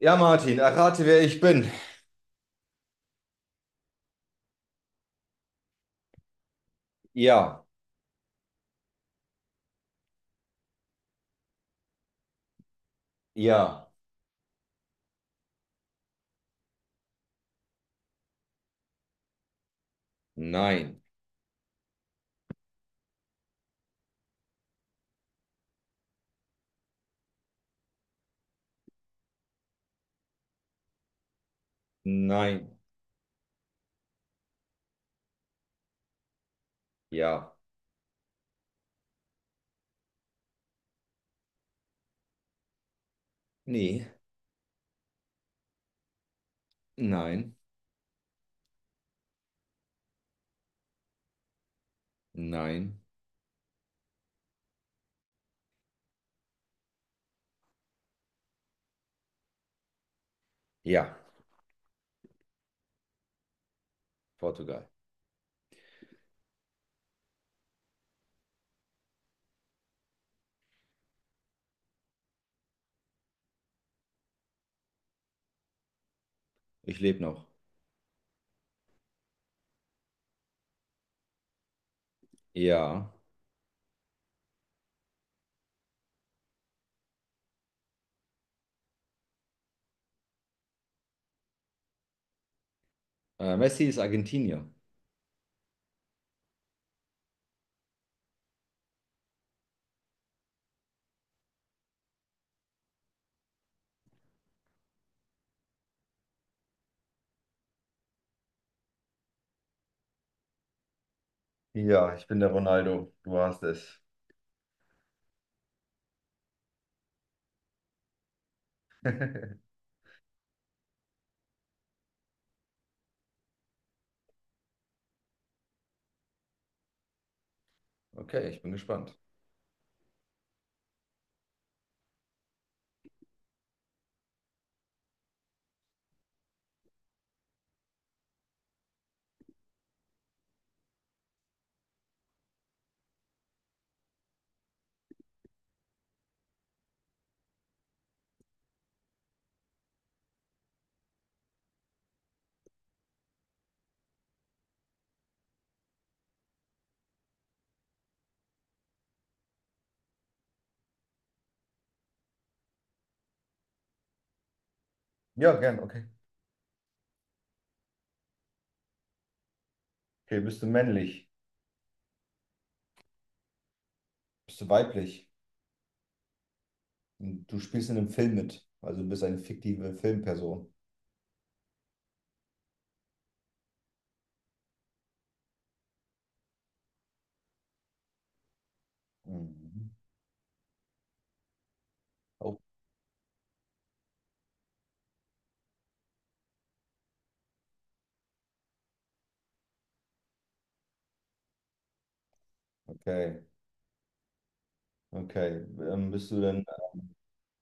Ja, Martin, errate, wer ich bin. Ja, ja, nein, nein, ja, nee, nein, nein, ja, Portugal. Ich lebe noch. Ja, Messi ist Argentinier. Ja, ich bin der Ronaldo. Du hast es. Okay, ich bin gespannt. Ja, gern, okay. Okay, bist du männlich? Bist du weiblich? Und du spielst in einem Film mit. Also du bist eine fiktive Filmperson. Mhm. Oh, okay, okay. Bist du denn,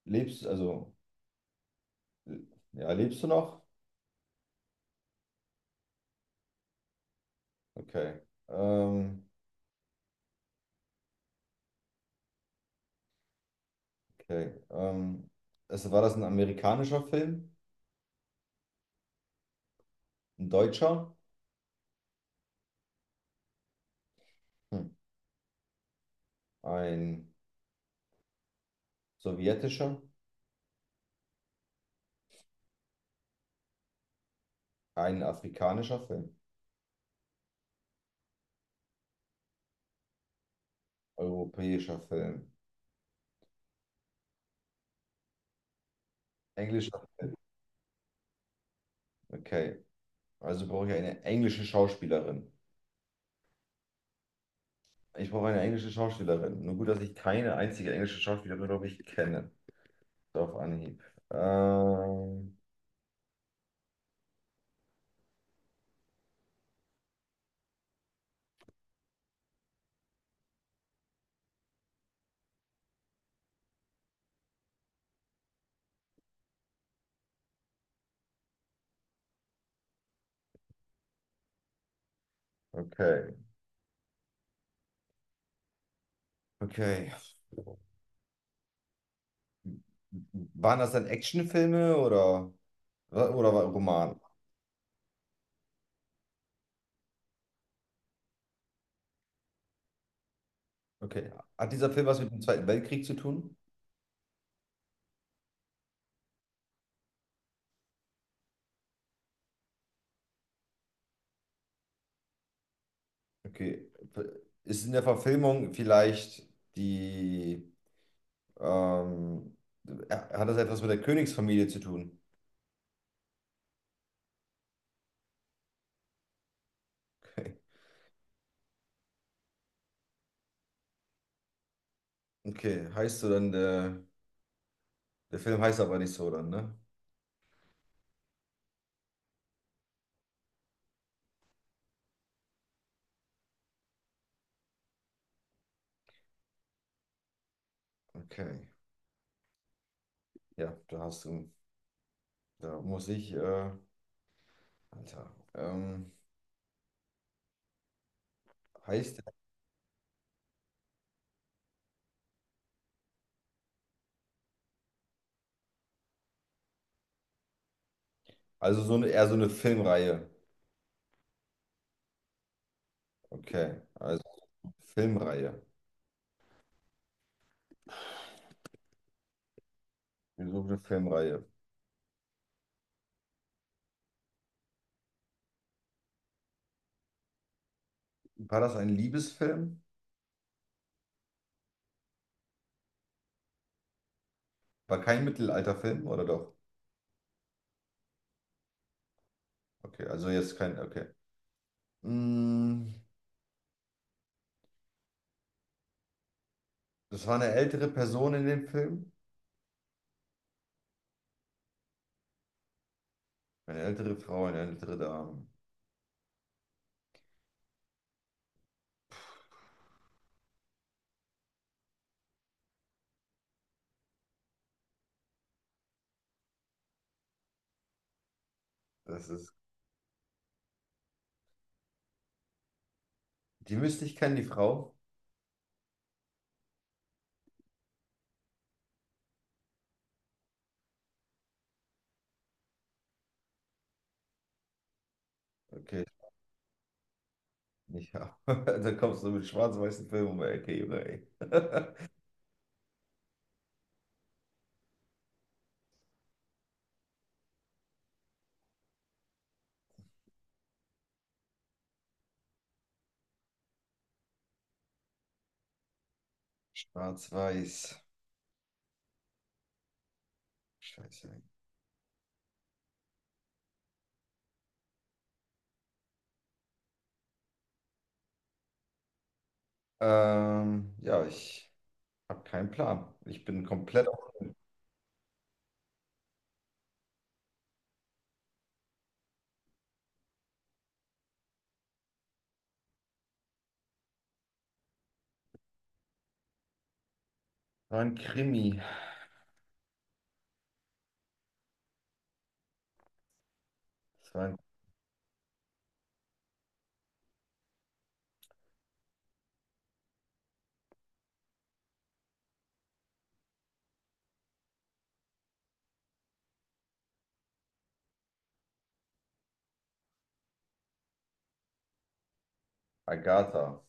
lebst, also ja, lebst du noch? Okay. Ähm, okay. War das ein amerikanischer Film? Ein deutscher? Hm. Ein sowjetischer? Ein afrikanischer Film? Europäischer Film? Englischer? Okay. Also brauche ich eine englische Schauspielerin. Ich brauche eine englische Schauspielerin. Nur gut, dass ich keine einzige englische Schauspielerin, glaube ich, kenne. So auf Anhieb. Ähm, okay. Okay. Waren das dann Actionfilme oder? Oder war Roman? Okay. Hat dieser Film was mit dem Zweiten Weltkrieg zu tun? Okay. Ist in der Verfilmung vielleicht die, ähm, ja, hat das etwas mit der Königsfamilie zu tun? Okay. Okay, heißt so dann, der, der Film heißt aber nicht so dann, ne? Okay. Ja, da hast du, da muss ich, Alter. Heißt, Also so eine, eher so eine Filmreihe. Okay, also Filmreihe. Wir suchen eine Filmreihe. War das ein Liebesfilm? War kein Mittelalterfilm, oder doch? Okay, also jetzt kein, okay. Mm, das war eine ältere Person in dem Film. Eine ältere Frau, eine ältere Dame. Das ist, die müsste ich kennen, die Frau. Okay, nicht, ja. Da kommst du mit schwarz-weißen Filmen um die Ecke, Junge, ey. Schwarz-weiß. Scheiße. Ja, ich habe keinen Plan. Ich bin komplett auf. Das war ein Krimi. Das war ein Agatha.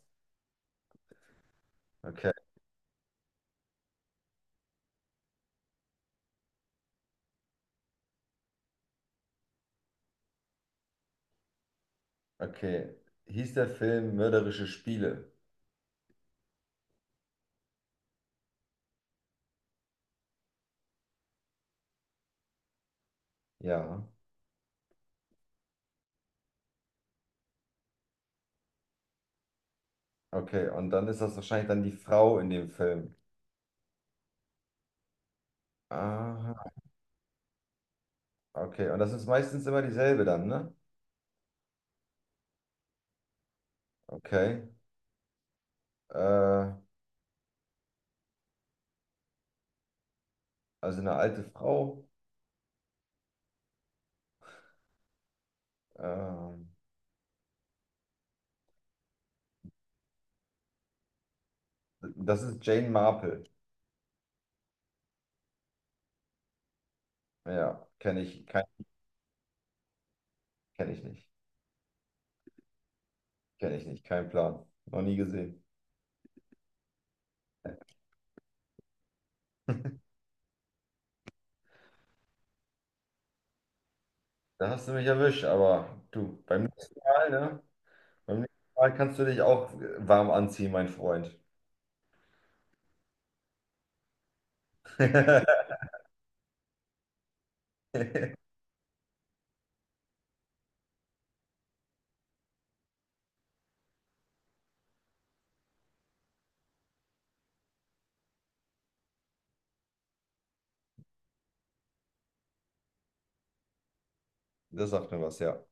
Okay, okay. Hieß der Film Mörderische Spiele? Ja. Okay, und dann ist das wahrscheinlich dann die Frau in dem Film. Aha, okay. Und das ist meistens immer dieselbe dann, ne? Okay. Äh, also eine alte Frau. Ähm, das ist Jane Marple. Ja, kenne ich, kein, kenne ich nicht. Kenne ich nicht, kein Plan. Noch nie gesehen. Da hast du mich erwischt, aber du, beim nächsten Mal, ne? Beim nächsten Mal kannst du dich auch warm anziehen, mein Freund. Das sagt mir was, ja.